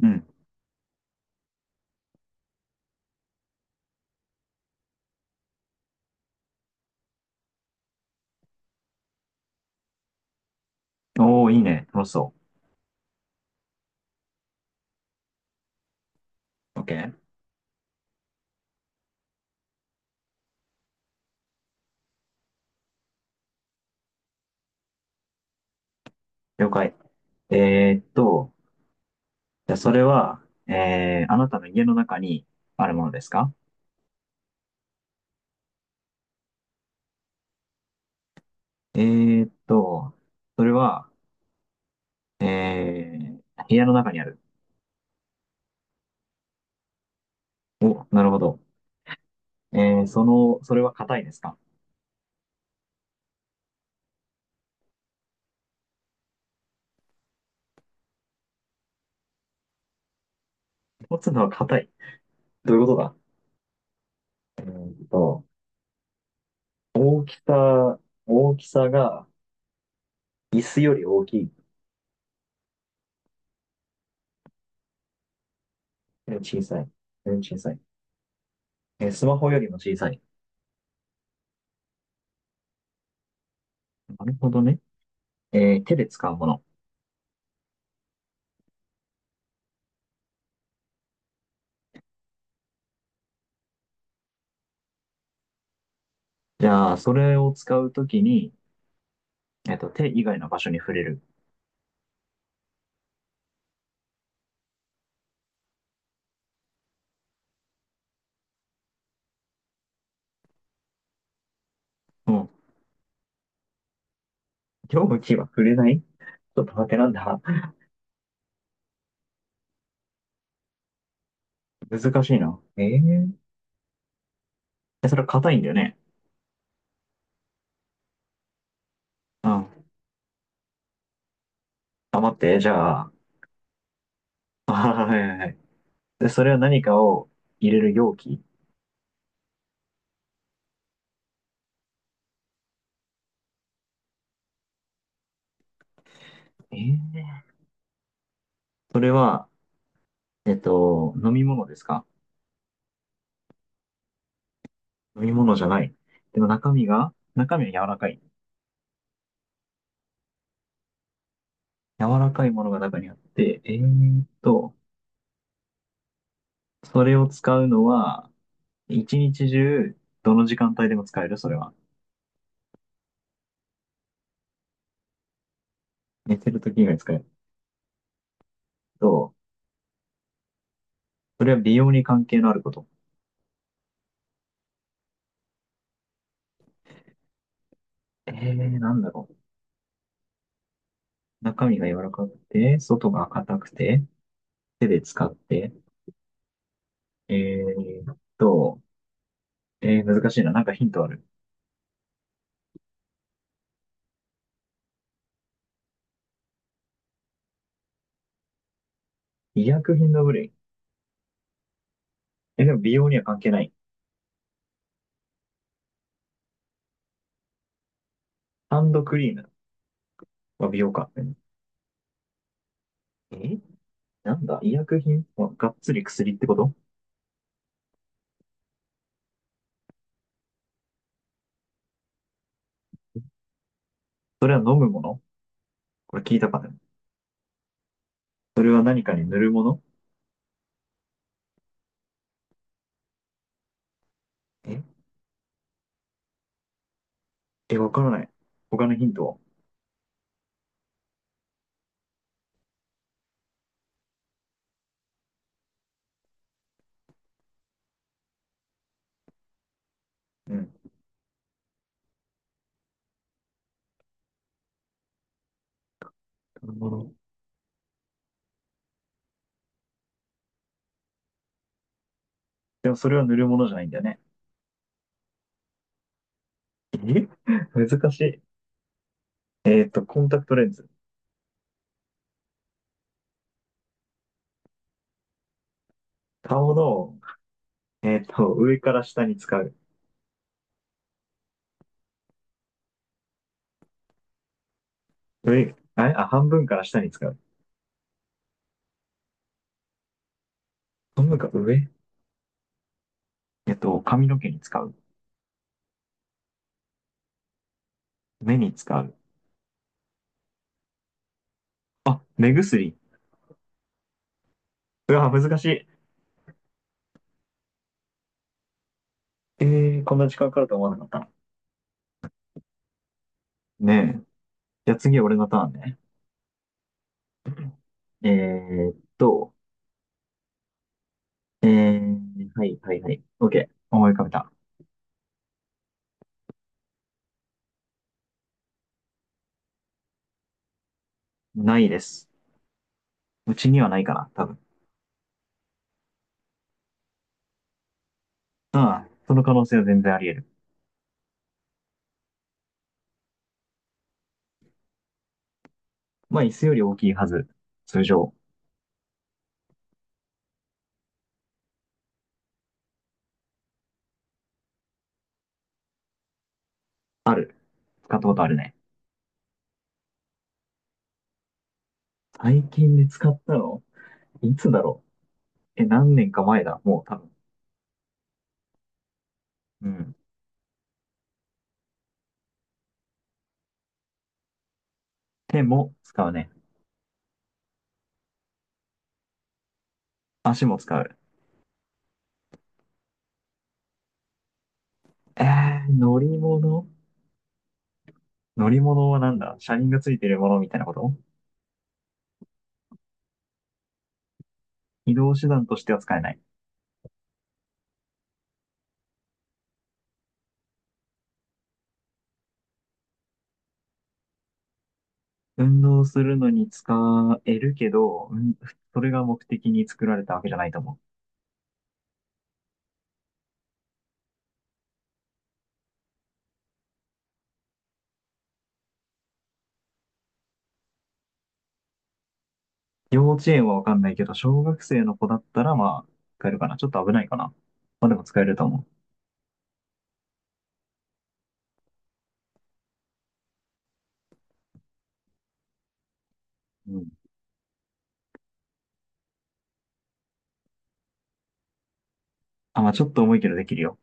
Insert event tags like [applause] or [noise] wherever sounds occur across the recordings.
うん。おー、いいね。楽しそう。OK。了解。えーっと、じゃあそれは、あなたの家の中にあるものですか？えーっと、それは、え部屋の中にある。お、なるほど。えそれは硬いですか？持つのは硬い。どういうことだ？えーっと、大きさ、大きさが、椅子より大きい。小さい。小さい。スマホよりも小さい。なるほどね。手で使うもの。じゃあ、それを使うときに、手以外の場所に触れる。うん。容器は触れない。ちょっと待って、なんだ。 [laughs] 難しいな。え、それは硬いんだよね。うん。あ、待って、じゃあ、[laughs] あ、はいはいはい。で、それは何かを入れる容器？えーそれは、飲み物ですか？飲み物じゃない。でも中身は柔らかい。柔らかいものが中にあって、それを使うのは、一日中、どの時間帯でも使える。それは。寝てる時以外使えると、それは美容に関係のあること？なんだろう。中身が柔らかくて、外が硬くて、手で使って、えーっと、難しいな。なんかヒントある？医薬品の部類。え、でも美容には関係ない。ハンドクリームは美容か。うん。え、なんだ。医薬品はがっつり薬ってこと？それは飲むもの？これ聞いたかな？それは何かに塗るもの？ええ、わからない。他のヒントは？うん。塗るもの。でもそれは塗るものじゃないんだよね。[laughs] え、難しい。コンタクトレンズ。顔の、上から下に使う。上、あれ、あ、半分から下に使う。半分か上？髪の毛に使う。目に使う。目薬。うわ、難しい。えこんな時間かかると思わなかったな。ねえ。じゃあ次、俺のターンね。えーっと、はいはいはい。OK。思い浮かべた。ないです。うちにはないかな、多分。ああ、その可能性は全然あり得る。まあ、椅子より大きいはず。通常、使ったことあるね。最近で使ったの、いつだろう。え、何年か前だ。もう多分。うん。手も使うね。足も使う。乗り物？乗り物はなんだ。車輪がついてるものみたいなこと？移動手段としては使えない。運動するのに使えるけど、うん、それが目的に作られたわけじゃないと思う。幼稚園はわかんないけど、小学生の子だったら、まあ、使えるかな。ちょっと危ないかな。まあでも使えると思う。うん。あ、まあちょっと重いけどできるよ。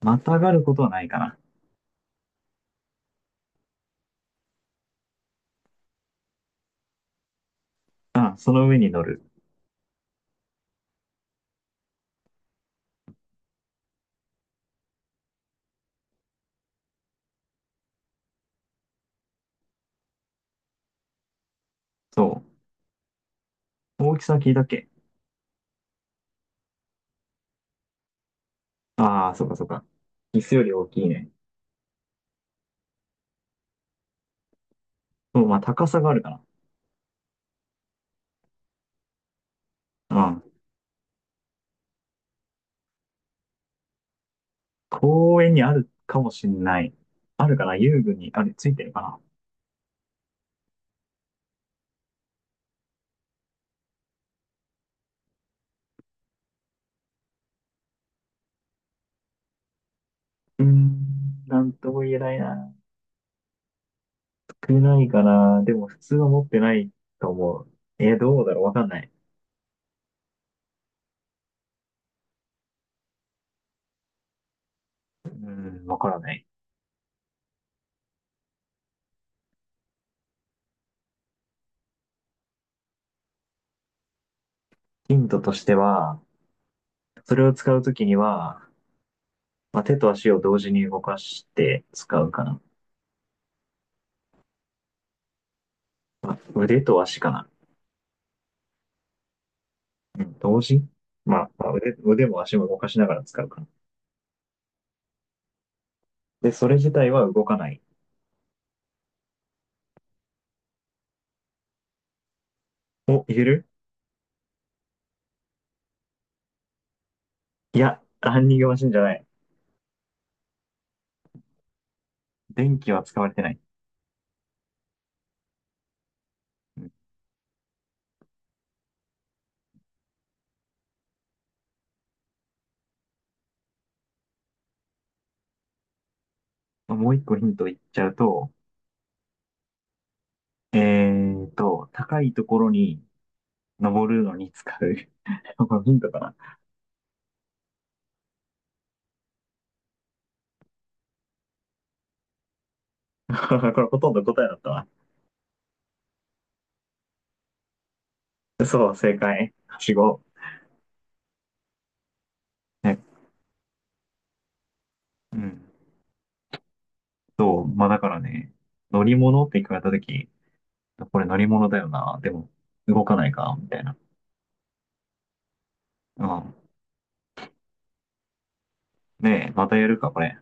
またがることはないかな。あ、その上に乗る。そう。大きさ聞いたっけ？ああー、そうかそうか。椅子より大きいね。そう、まあ高さがあるかな。うん。公園にあるかもしんない。あるかな？遊具にある、ついてるかな？うーん、なんとも言えないな。少ないかな。でも普通は持ってないと思う。どうだろう。わかんない。うーん、わからない。ヒントとしては、それを使うときには、まあ、手と足を同時に動かして使うかな。腕と足かな。うん、同時。まあ腕も足も動かしながら使うか。で、それ自体は動かない。お、いける？いや、ランニングマシンじゃない。電気は使われてない。うん。もう一個ヒント言っちゃうと、え高いところに登るのに使う。[laughs] これヒントかな？ [laughs] これほとんど答えだったわ。そう、正解。はしご。ね、うん。そう、まあだからね、乗り物って聞かれたとき、これ乗り物だよな。でも、動かないか、みたいな。うん。ねえ、またやるか、これ。